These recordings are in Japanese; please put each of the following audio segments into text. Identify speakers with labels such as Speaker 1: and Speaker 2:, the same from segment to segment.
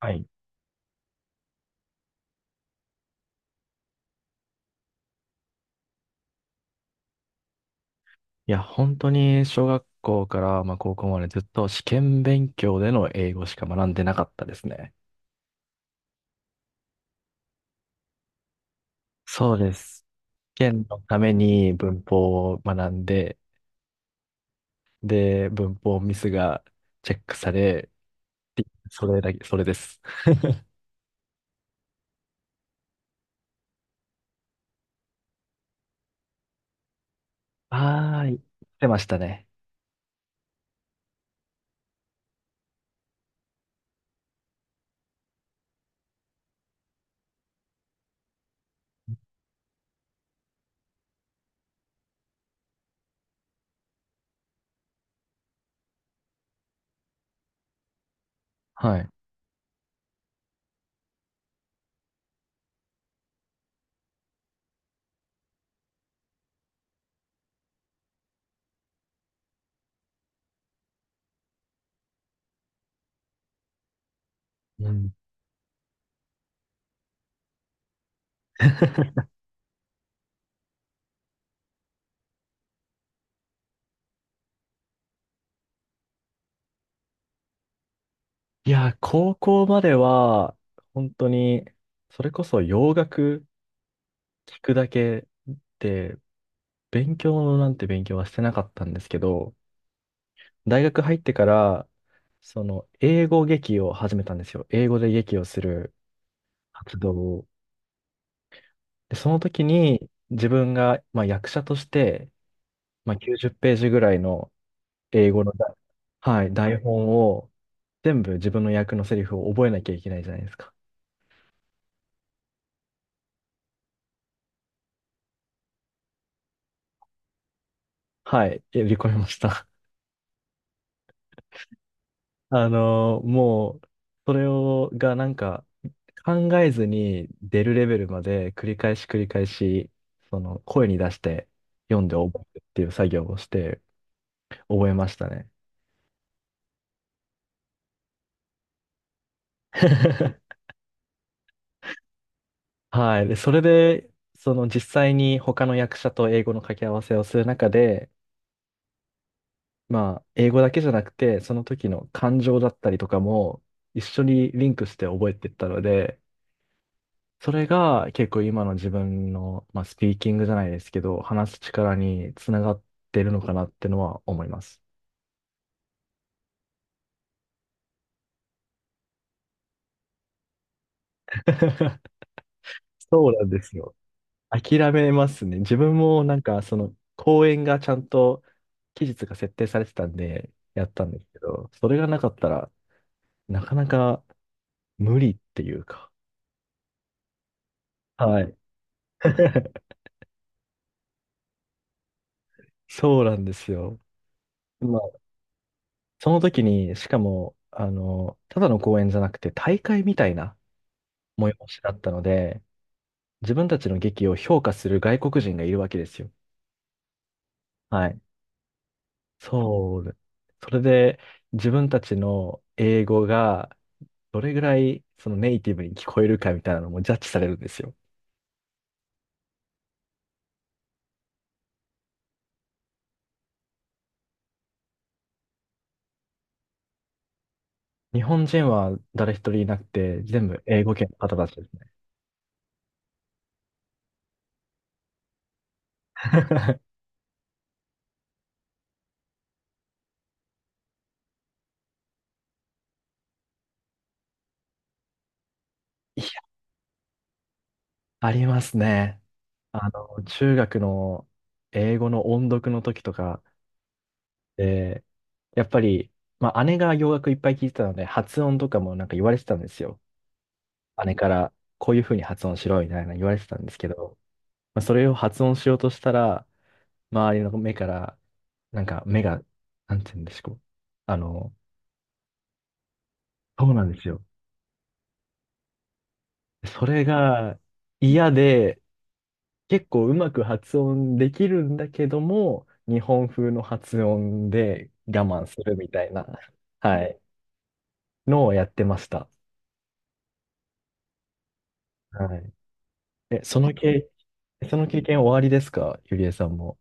Speaker 1: はい。いや、本当に小学校から、まあ、高校までずっと試験勉強での英語しか学んでなかったですね。そうです。試験のために文法を学んで、で、文法ミスがチェックされ、それだけ、それです。はーい。してましたね。はい。うん。いや、高校までは、本当に、それこそ洋楽聞くだけで、勉強なんて勉強はしてなかったんですけど、大学入ってから、その、英語劇を始めたんですよ。英語で劇をする活動を。で、その時に、自分が、まあ、役者として、まあ、90ページぐらいの英語のだ、はい、台本を、全部自分の役のセリフを覚えなきゃいけないじゃないですか。はい、やり込みました。もう、それを、がなんか、考えずに出るレベルまで繰り返し繰り返し、その声に出して読んで覚えるっていう作業をして覚えましたね。はい。で、それで、その実際に他の役者と英語の掛け合わせをする中で、まあ、英語だけじゃなくて、その時の感情だったりとかも一緒にリンクして覚えていったので、それが結構今の自分の、まあ、スピーキングじゃないですけど、話す力につながってるのかなってのは思います。そうなんですよ。諦めますね。自分もなんか、その、公演がちゃんと期日が設定されてたんで、やったんですけど、それがなかったらなかなか無理っていうか。はい。そうなんですよ。まあ、その時に、しかも、あの、ただの公演じゃなくて、大会みたいな催しだったので、自分たちの劇を評価する外国人がいるわけですよ。はい。そう。それで、自分たちの英語が、どれぐらいそのネイティブに聞こえるかみたいなのもジャッジされるんですよ。日本人は誰一人いなくて、全部英語圏の方たちですね。いや、ありますね。あの、中学の英語の音読の時とかで、やっぱり、まあ、姉が洋楽いっぱい聞いてたので、発音とかもなんか言われてたんですよ。姉から、こういうふうに発音しろみたいなの言われてたんですけど、まあ、それを発音しようとしたら、周りの目から、なんか目が、なんて言うんでしょう。あの、そうなんですよ。それが嫌で、結構うまく発音できるんだけども、日本風の発音で我慢するみたいな、はい、のをやってました。はい。え、その経験終わりですかゆりえさんも。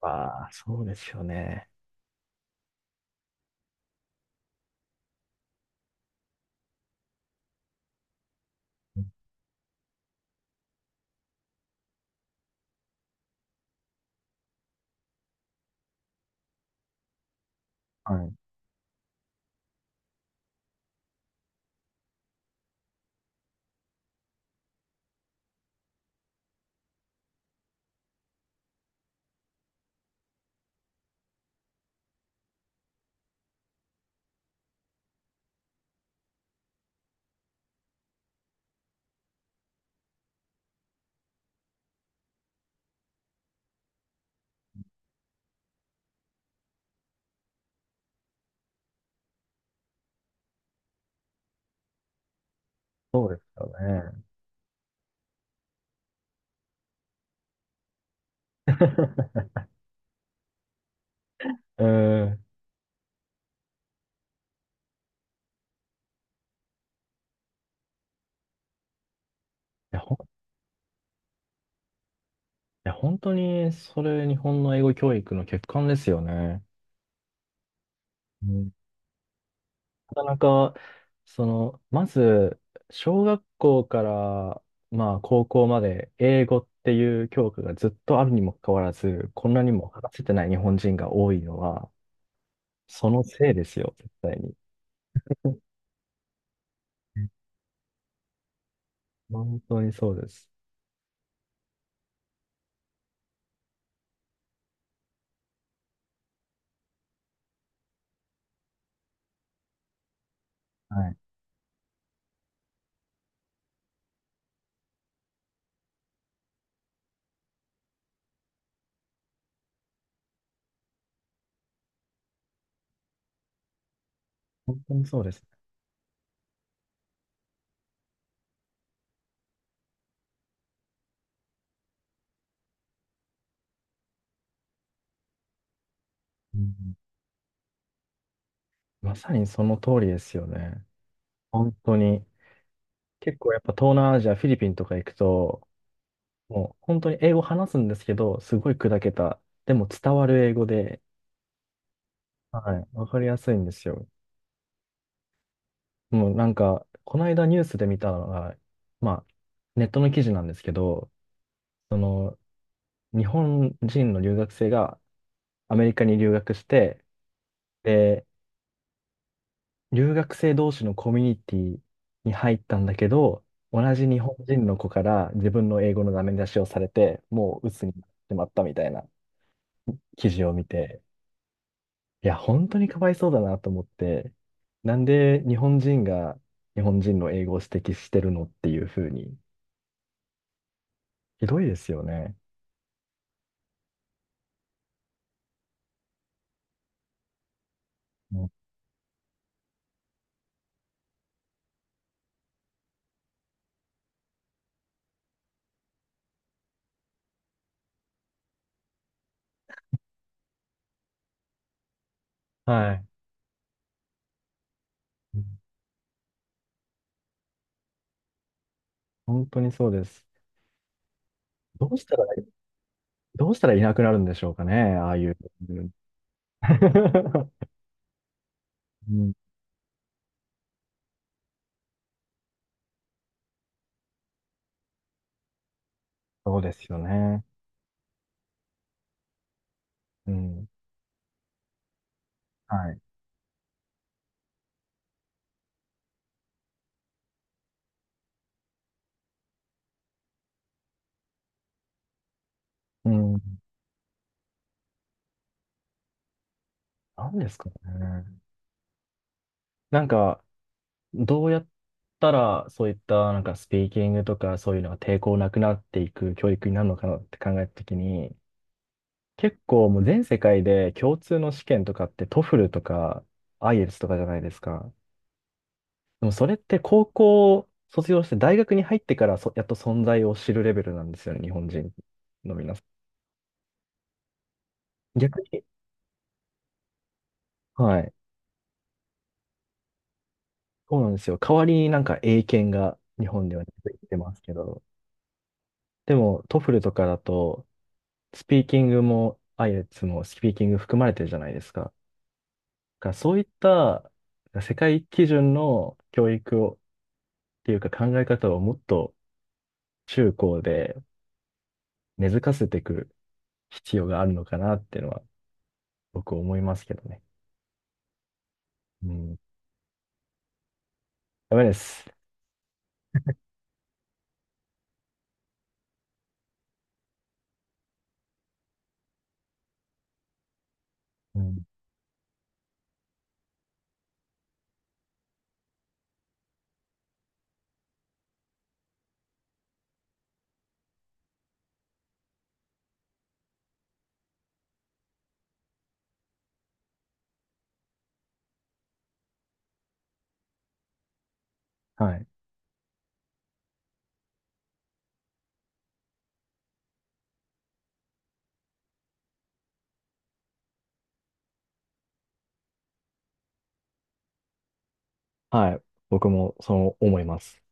Speaker 1: ああ、そうですよね。はい。そうですよね。うん。いや、本当に、それ日本の英語教育の欠陥ですよね。うん。なかなか、その、まず、小学校から、まあ、高校まで、英語っていう教科がずっとあるにもかかわらず、こんなにも話せてない日本人が多いのは、そのせいですよ、絶対に。うん。本当にそうです。はい。本当にそうです。うん。まさにその通りですよね。本当に。結構やっぱ東南アジア、フィリピンとか行くと、もう本当に英語話すんですけど、すごい砕けた。でも伝わる英語で、はい。わかりやすいんですよ。もうなんか、この間ニュースで見たのが、まあ、ネットの記事なんですけど、その、日本人の留学生がアメリカに留学して、で、留学生同士のコミュニティに入ったんだけど、同じ日本人の子から自分の英語のダメ出しをされて、もう鬱になってしまったみたいな記事を見て、いや、本当にかわいそうだなと思って、なんで日本人が日本人の英語を指摘してるのっていうふうに、ひどいですよね。もう、はい。うん。本当にそうです。どうしたら、どうしたらいなくなるんでしょうかね、ああいう。うん。うん、そうですよね。うん、はい。うん、なんですかね。なんか、どうやったらそういったなんかスピーキングとかそういうのが抵抗なくなっていく教育になるのかなって考えたときに、結構もう全世界で共通の試験とかってトフルとか i イエル s とかじゃないですか。でもそれって高校を卒業して大学に入ってからそやっと存在を知るレベルなんですよね、日本人の皆さん。逆に、はい。そうなんですよ。代わりになんか英検が日本では出てきてますけど。でもトフルとかだとスピーキングも i イエル s もスピーキング含まれてるじゃないですか。だからそういった世界基準の教育をっていうか考え方をもっと中高で根付かせていく必要があるのかなっていうのは僕思いますけどね。うん。ダメです。うん。はい。はい。僕もそう思います。